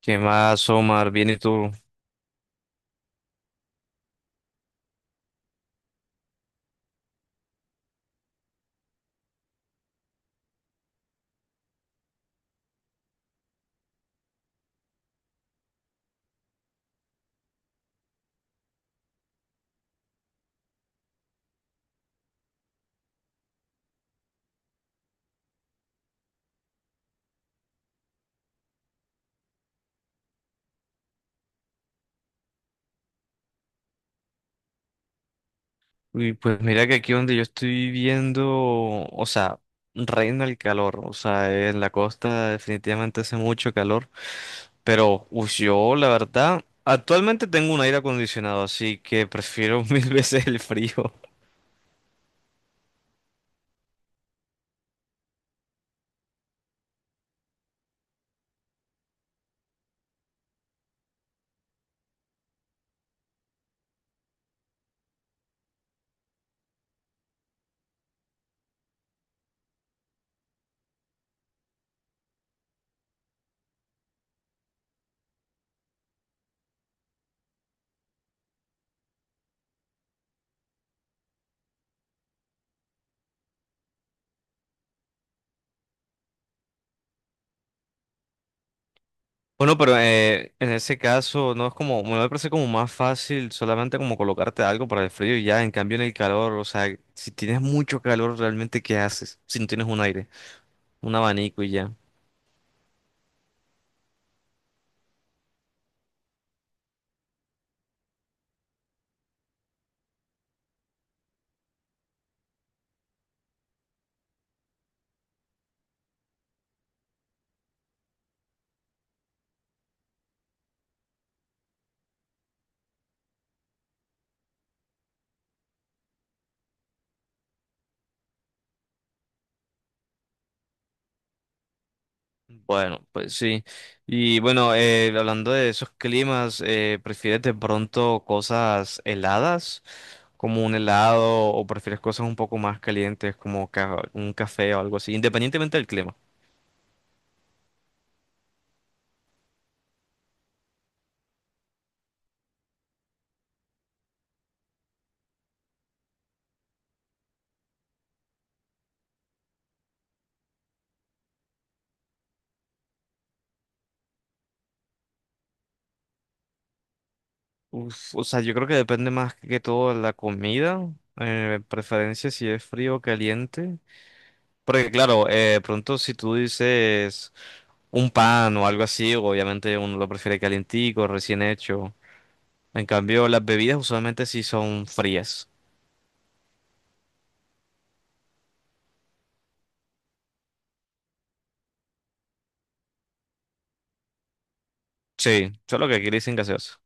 ¿Qué más, Omar? Viene tú. Uy, pues mira que aquí donde yo estoy viviendo, o sea, reina el calor. O sea, en la costa definitivamente hace mucho calor. Pero, uy, yo la verdad, actualmente tengo un aire acondicionado, así que prefiero mil veces el frío. Bueno, pero en ese caso no es como, me parece como más fácil solamente como colocarte algo para el frío y ya, en cambio en el calor, o sea, si tienes mucho calor, realmente ¿qué haces? Si no tienes un aire, un abanico y ya. Bueno, pues sí. Y bueno, hablando de esos climas, ¿prefieres de pronto cosas heladas, como un helado, o prefieres cosas un poco más calientes, como un café o algo así, independientemente del clima? Uf, o sea, yo creo que depende más que todo de la comida, preferencia si es frío o caliente. Porque claro, pronto si tú dices un pan o algo así, obviamente uno lo prefiere calientico, recién hecho. En cambio, las bebidas usualmente sí son frías. Sí, solo que aquí le dicen gaseosa.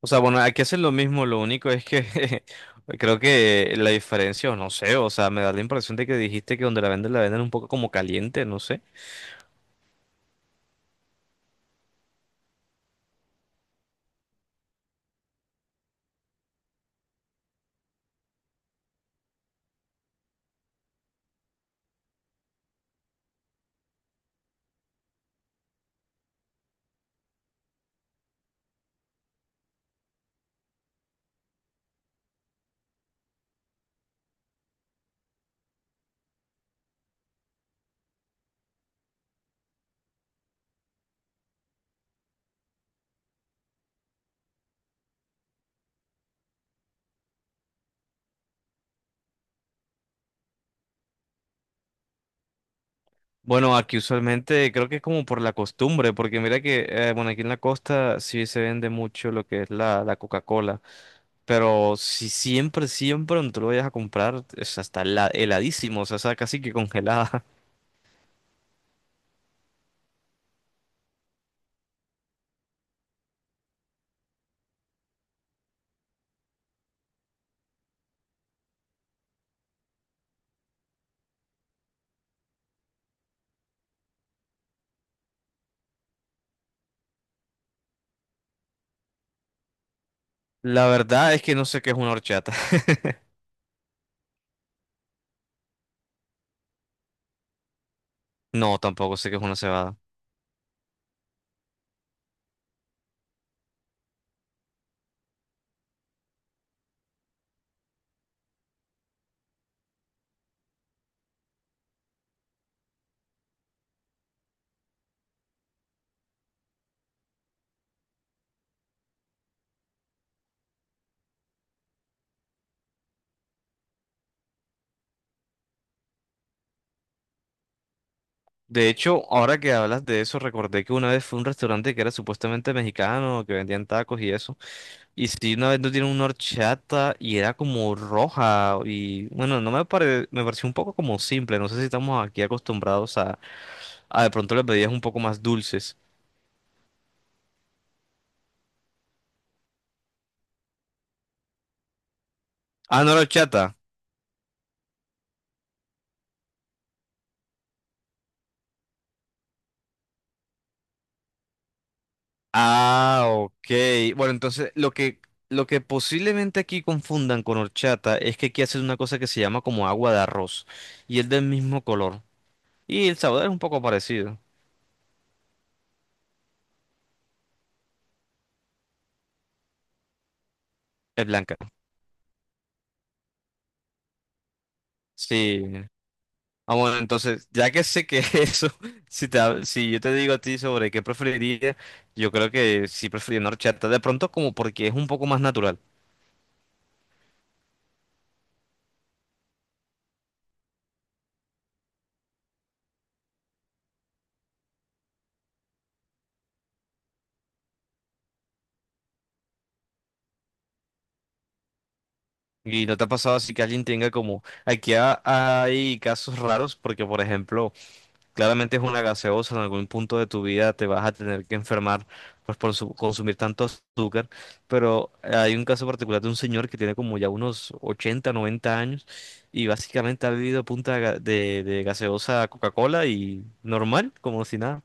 O sea, bueno, aquí hacen lo mismo, lo único es que creo que la diferencia, o no sé, o sea, me da la impresión de que dijiste que donde la venden un poco como caliente, no sé. Bueno, aquí usualmente creo que es como por la costumbre, porque mira que, bueno, aquí en la costa sí se vende mucho lo que es la Coca-Cola, pero si siempre, siempre donde tú lo vayas a comprar, es hasta heladísimo, o sea, está casi que congelada. La verdad es que no sé qué es una horchata. No, tampoco sé qué es una cebada. De hecho, ahora que hablas de eso, recordé que una vez fue un restaurante que era supuestamente mexicano, que vendían tacos y eso. Y sí, una vez no tienen una horchata y era como roja. Y bueno, no me pare- me pareció un poco como simple. No sé si estamos aquí acostumbrados a, de pronto las bebidas un poco más dulces. Ah, no era horchata. Ah, ok. Bueno, entonces lo que posiblemente aquí confundan con horchata es que aquí hacen una cosa que se llama como agua de arroz y es del mismo color. Y el sabor es un poco parecido. Es blanca. Sí. Ah, bueno, entonces, ya que sé que eso, si yo te digo a ti sobre qué preferiría, yo creo que sí preferiría una horchata. De pronto como porque es un poco más natural. Y no te ha pasado así que alguien tenga como... Aquí hay casos raros porque, por ejemplo... Claramente es una gaseosa, en algún punto de tu vida te vas a tener que enfermar pues, consumir tanto azúcar, pero hay un caso particular de un señor que tiene como ya unos 80, 90 años y básicamente ha vivido a punta de, de gaseosa Coca-Cola y normal, como si nada.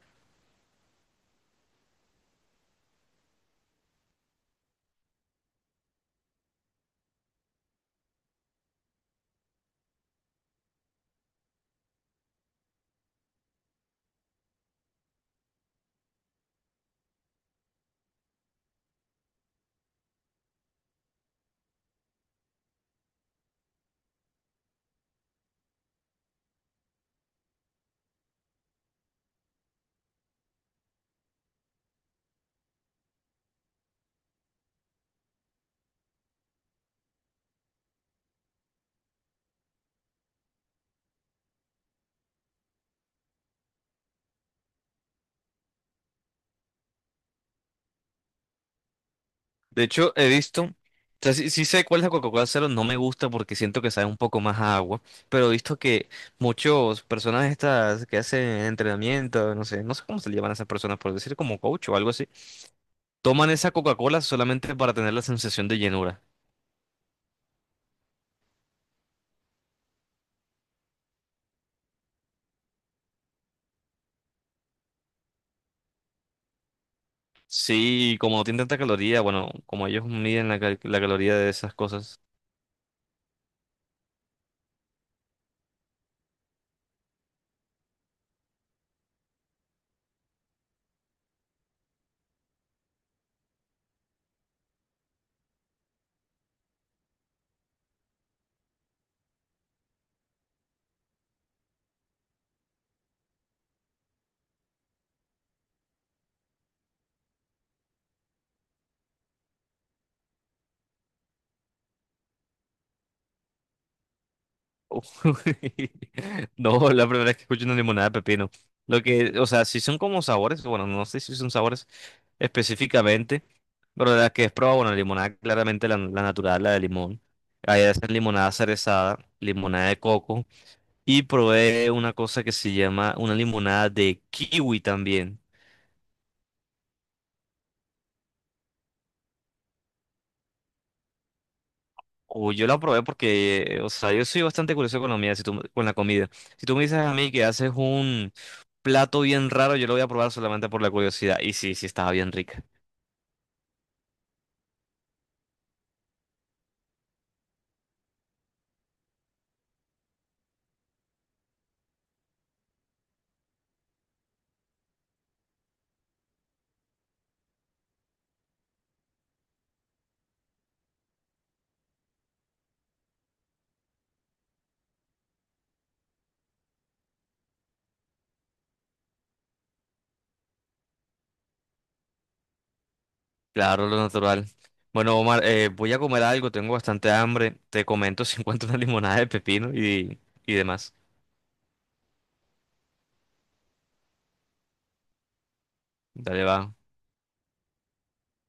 De hecho, he visto, o sea, sí, sí sé cuál es la Coca-Cola Cero, no me gusta porque siento que sabe un poco más a agua, pero he visto que muchas personas estas que hacen entrenamiento, no sé, no sé cómo se le llaman a esas personas, por decir como coach o algo así. Toman esa Coca-Cola solamente para tener la sensación de llenura. Sí, y como no tiene tanta caloría, bueno, como ellos miden la caloría de esas cosas. Uy, no, la primera vez que escucho una limonada de pepino. Lo que, o sea, si son como sabores, bueno, no sé si son sabores específicamente, pero las que he probado, bueno, limonada claramente la natural, la de limón. Ahí hacen limonada cerezada, limonada de coco. Y probé una cosa que se llama una limonada de kiwi también. Uy, yo la probé porque, o sea, yo soy bastante curioso con la comida. Si tú, con la comida. Si tú me dices a mí que haces un plato bien raro, yo lo voy a probar solamente por la curiosidad. Y sí, sí, estaba bien rica. Claro, lo natural. Bueno, Omar, voy a comer algo, tengo bastante hambre. Te comento si encuentro una limonada de pepino y demás. Dale, va.